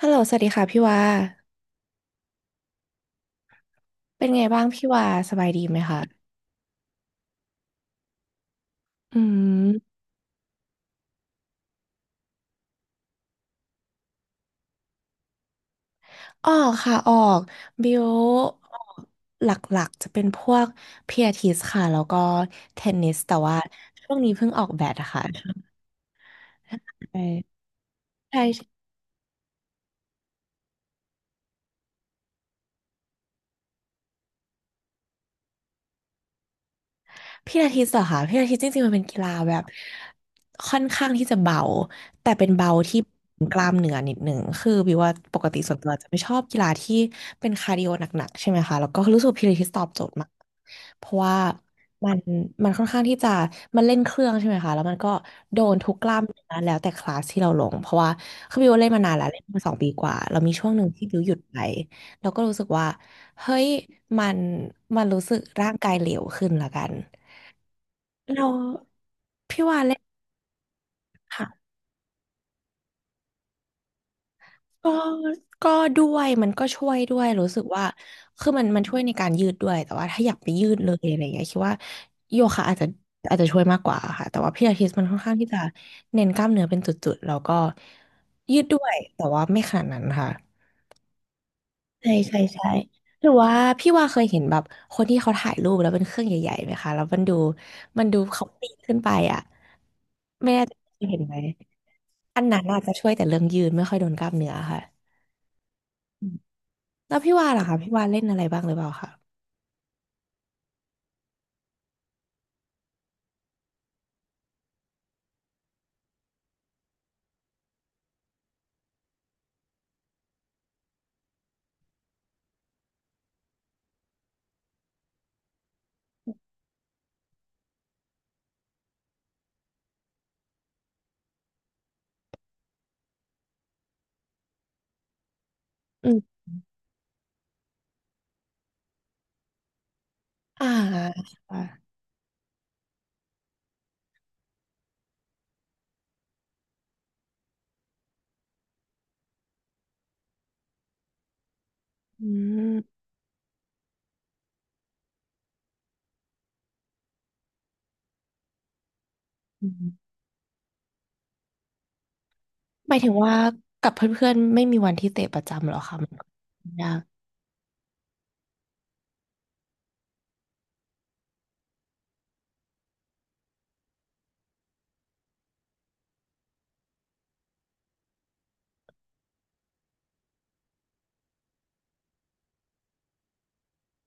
ฮัลโหลสวัสดีค่ะพี่วาเป็นไงบ้างพี่วาสบายดีไหมคะอืมออกค่ะออก บิวออกหลักๆจะเป็นพวกเพียทิสค่ะแล้วก็เทนนิสแต่ว่าช่วงนี้เพิ่งออกแบดอะค่ะใช่ใช่ พี่อาทิตย์เหรอคะพี่อาทิตย์จริงๆมันเป็นกีฬาแบบค่อนข้างที่จะเบาแต่เป็นเบาที่กล้ามเนื้อนิดหนึ่งคือบิวว่าปกติส่วนตัวจะไม่ชอบกีฬาที่เป็นคาร์ดิโอหนักๆใช่ไหมคะแล้วก็รู้สึกว่าพิลาทิตย์ตอบโจทย์มากเพราะว่ามันมันค่อนข้างที่จะมันเล่นเครื่องใช่ไหมคะแล้วมันก็โดนทุกกล้ามเนื้อแล้วแต่คลาสที่เราลงเพราะว่าคือบิวเล่นมานานแล้วเล่นมา2 ปีกว่าเรามีช่วงหนึ่งที่บิวหยุดไปเราก็รู้สึกว่าเฮ้ยมันรู้สึกร่างกายเหลวขึ้นละกัน เราพี่ว่าเล่นค่ะก็ก็ด้วยมันก็ช่วยด้วยรู้สึกว่าคือมันช่วยในการยืดด้วยแต่ว่าถ้าอยากไปยืดเลยอะไรอย่างเงี้ยคิดว่าโยคะอาจจะช่วยมากกว่าค่ะแต่ว่าพี่อาทิตย์มันค่อนข้างที่จะเน้นกล้ามเนื้อเป็นจุดๆแล้วก็ยืดด้วยแต่ว่าไม่ขนาดนั้นค่ะใช่ใช่ใช่หรือว่าพี่ว่าเคยเห็นแบบคนที่เขาถ่ายรูปแล้วเป็นเครื่องใหญ่ๆไหมคะแล้วมันดูเขาปีนขึ้นไปอ่ะไม่แน่ใจเคยเห็นไหม อันนั้นอาจจะช่วยแต่เรื่องยืนไม่ค่อยโดนกล้ามเนื้อค่ะอืมแล้วพี่ว่าล่ะคะพี่ว่าเล่นอะไรบ้างหรือเปล่าคะอืมอ่าค่ะอืมอืมหมายถึงว่ากับเพื่อนๆไม่มีวันที่เตะประจำเหรอคะมันยาก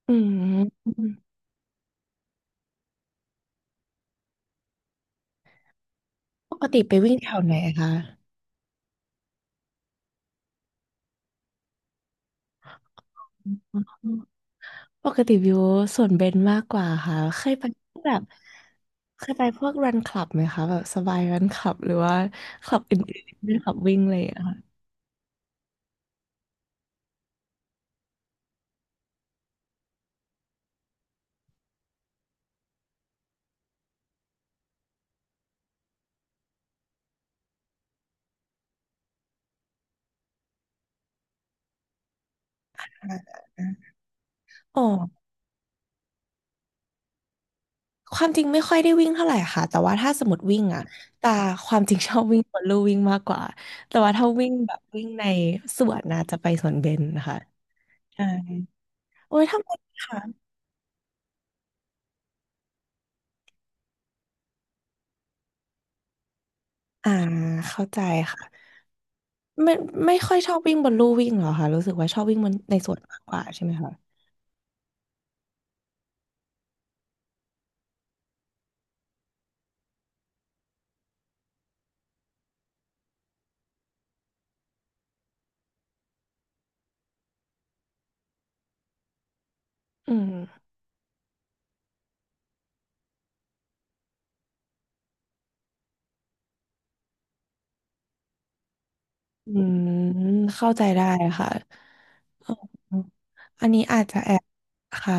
อืมปกติไปวิ่งแถวไหนคะอ๋อปกติวิวส่วนเบนมากกว่าค่ะเคยไปแบบเคยไปพวกรันคลับไหมคะแบบสบายรันคลับหรือว่าคลับอื่นๆคลับวิ่งอะไรอย่างเลยอะค่ะออ๋อ ความจริงไม่ค่อยได้วิ่งเท่าไหร่ค่ะแต่ว่าถ้าสมมติวิ่งอ่ะแต่ความจริงชอบวิ่งบนลู่วิ่งมากกว่าแต่ว่าถ้าวิ่งแบบวิ่งในสวนนะจะไปสวนเบญนะคะใช่โอ้ยทำไมคะอ่าเข้าใจค่ะไม่ไม่ค่อยชอบวิ่งบนลู่วิ่งเหรอคะรู้สึกว่าชอบวิ่งบนในสวนมากกว่าใช่ไหมคะอืมอืมเข้าใจได้ค่ะอมอันนี้อาจจะแอบค่ะ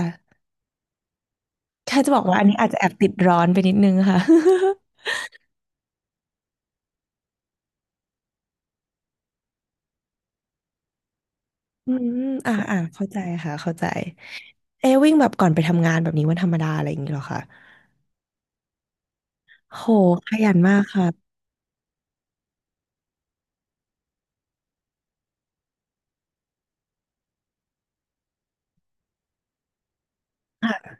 แค่จะบอกว่าอันนี้อาจจะแอบติดร้อนไปนิดนึงค่ะ อืมอ่าอ่าเข้าใจค่ะเข้าใจเอะวิ่งแบบก่อนไปทำงานแบบนี้วันธรรมดาอะไรอย่างนี้เหรอคะโหขยันมากค่ะค่ะ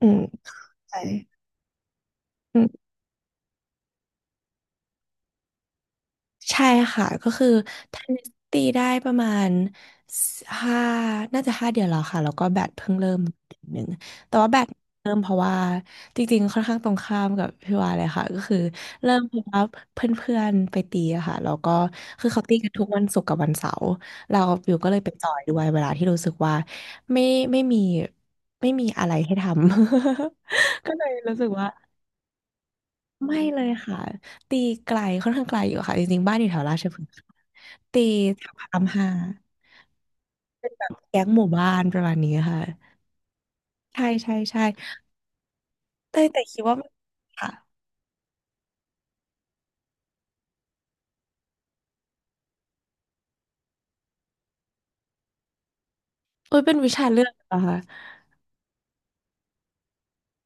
อืมใช่ ใช่ค่ะก็คือทำนิสตีได้ประมาณห้าน่าจะห้าเดือนแล้วค่ะแล้วก็แบดเพิ่งเริ่ม1 เดือนแต่ว่าแบดเริ่มเพราะว่าจริงๆค่อนข้างตรงข้ามกับพี่วาเลยค่ะก็คือเริ่มเพราะว่าเพื่อนๆไปตีอะค่ะแล้วก็คือเขาตีกันทุกวันศุกร์กับวันเสาร์เราอยู่ก็เลยไปจอยด้วยเวลาที่รู้สึกว่าไม่ไม่มีไม่มีอะไรให้ทำ ก็เลยรู้สึกว่า ไม่เลยค่ะตีไกลค่อนข้างไกลอยู่ค่ะจริงๆบ้านอยู่แถวราชพฤกษ์ค่ะตีแถวพระราม 5แก๊งหมู่บ้านประมาณนี้ค่ะใช่ใช่ใช่แต่คิดว่ามันค่ะเอ้ยเป็นวิชาเลือกเหรอคะ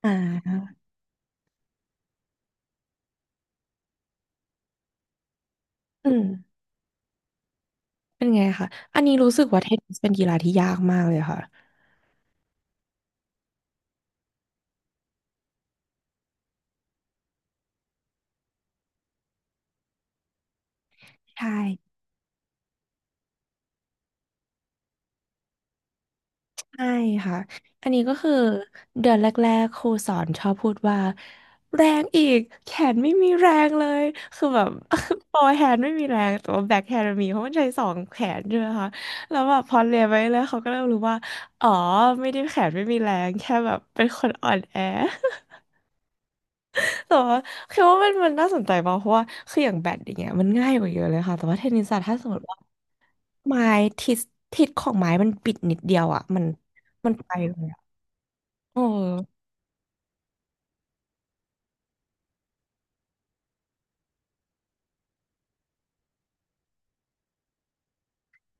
อ่าอืมเป็นไงคะอันนี้รู้สึกว่าเทนนิสเป็นกีฬาที่ยากมากเลยค่ะใช่ ใช่ค่ะอันนี้ก็คือเดือนแรกๆครูสอนชอบพูดว่าแรงอีกแขนไม่มีแรงเลยคือแบบ โฟอร์แฮนด์ไม่มีแรงแต่ว่าแบ็คแฮนด์มีเพราะมันใช้สองแขนใช่ไหมคะแล้วแบบพอเรียนไปเรื่อยเขาก็เริ่มรู้ว่าอ๋อไม่ได้แขนไม่มีแรงแค่แบบเป็นคนอ่อนแอ แต่ว่าคิดว่ามันน่าสนใจมากเพราะว่าคืออย่างแบดอย่างเงี้ยมันง่ายกว่าเยอะเลยค่ะแต่ว่าเทนนิสอะถ้าสมมติว่าไม้ทิศทิศของไม้มันบิดนิดเดียวอ่ะมันไปเลยอะโอ้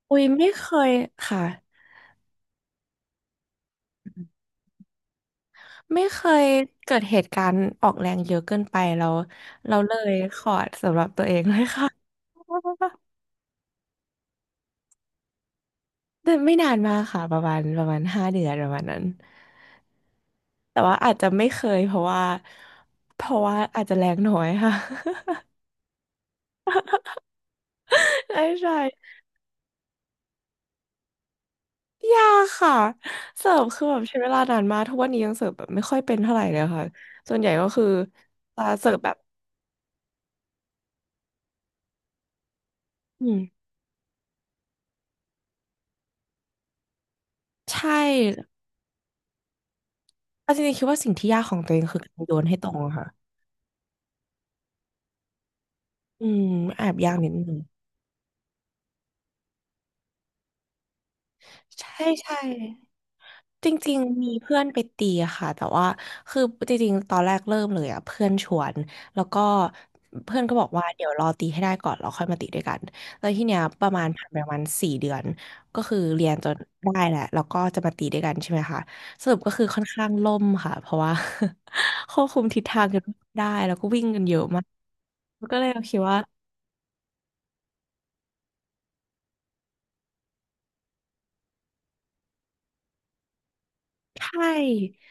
อุ้ยไม่เคยค่ะไม่เคยเกิดเหตุการณ์ออกแรงเยอะเกินไปเราเลยขอดเองเลยค่ะแต่ไม่นานมากค่ะประมาณห้าเดือนประมาณนั้นแต่ว่าอาจจะไม่เคยเพราะว่าอาจจะแรงน้อยค่ะ ใช่ใช่ยากค่ะเสิร์ฟคือแบบใช้เวลานานมากทุกวันนี้ยังเสิร์ฟแบบไม่ค่อยเป็นเท่าไหร่เลยค่ะส่วนใหญ่ก็คือจะเสิร์ฟแบบอืมใช่ เอาจริงๆคิดว่าสิ่งที่ยากของตัวเองคือการโยนให้ตรงอะค่ะ อืมแอบยากนิดนึงใช่ใช่จริงๆมีเพื่อนไปตีอะค่ะแต่ว่าคือจริงๆตอนแรกเริ่มเลยอ่ะเพื่อนชวนแล้วก็เพื่อนก็บอกว่าเดี๋ยวรอตีให้ได้ก่อนแล้วค่อยมาตีด้วยกันแล้วทีเนี้ยประมาณผ่านไปประมาณสี่เดือนก็คือเรียนจนได้แหละแล้วก็จะมาตีด้วยกันใช่ไหมคะสรุปก็คือค่อนข้างล่มค่ะเพราะว่า ควบคุมทิศทางกันไม่ได้แล้วก็วิ่งกันเยอะมากก็เลยคิดว่า ใช่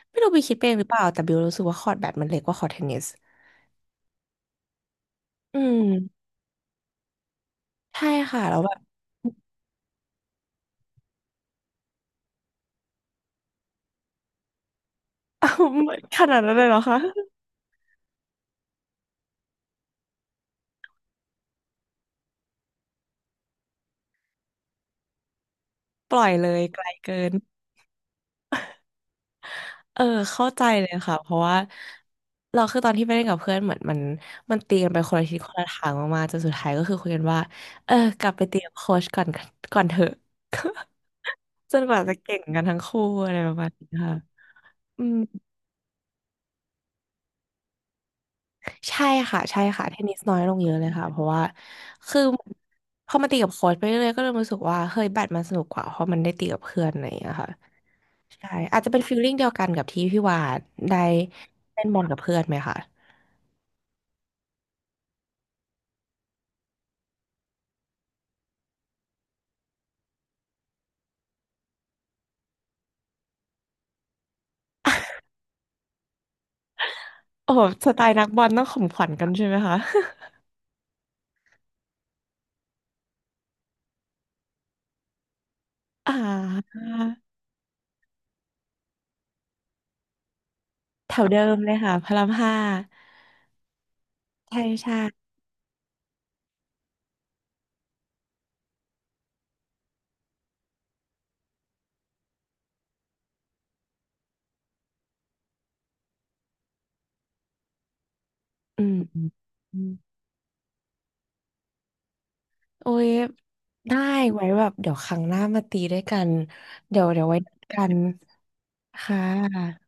ไม่รู้ไปคิดเองหรือเปล่าแต่บิวรู้สึกว่าคอร์ตแบดมันเล็กกว่าคอร์ตเทนนิสอืมใช่ค่ะแล้วแบบ ขนาดนั้นเลยเหรอคะปล่อยเลยไกลเกินเออเข้าใจเลยค่ะเพราะว่าเราคือตอนที่ไปเล่นกับเพื่อนเหมือนมันตีกันไปคนละทิศคนละทางมากๆจนสุดท้ายก็คือคุยกันว่าเออกลับไปตีกับโค้ชก่อนก่อนเถอะ จนกว่าจะเก่งกันทั้งคู่อะไรประมาณนี้ค่ะอืม ใช่ค่ะใช่ค่ะเทนนิสน้อยลงเยอะเลยค่ะเพราะว่าคือพอมาตีกับโค้ชไปเรื่อยๆก็เริ่มรู้สึกว่าเฮ้ยแบดมันสนุกกว่าเพราะมันได้ตีกับเพื่อนอะไรอย่างเงี้ยค่ะใช่อาจจะเป็นฟีลลิ่งเดียวกันกับที่พี่วาดได้เล่นบอลกับเพื่อนไหมคะโอ้โหสไตล์นักบอลต้องข่มขวัญกันใช่ไหมคะ อ่าแถวเดิมเลยค่ะพระรามห้าใช่ใช่อืมอืมอืมโอ้ยได้ไว้แบบเดี๋ยวครั้งหน้ามาตีด้วยกันเดี๋ยวไว้นัดกันค่ะ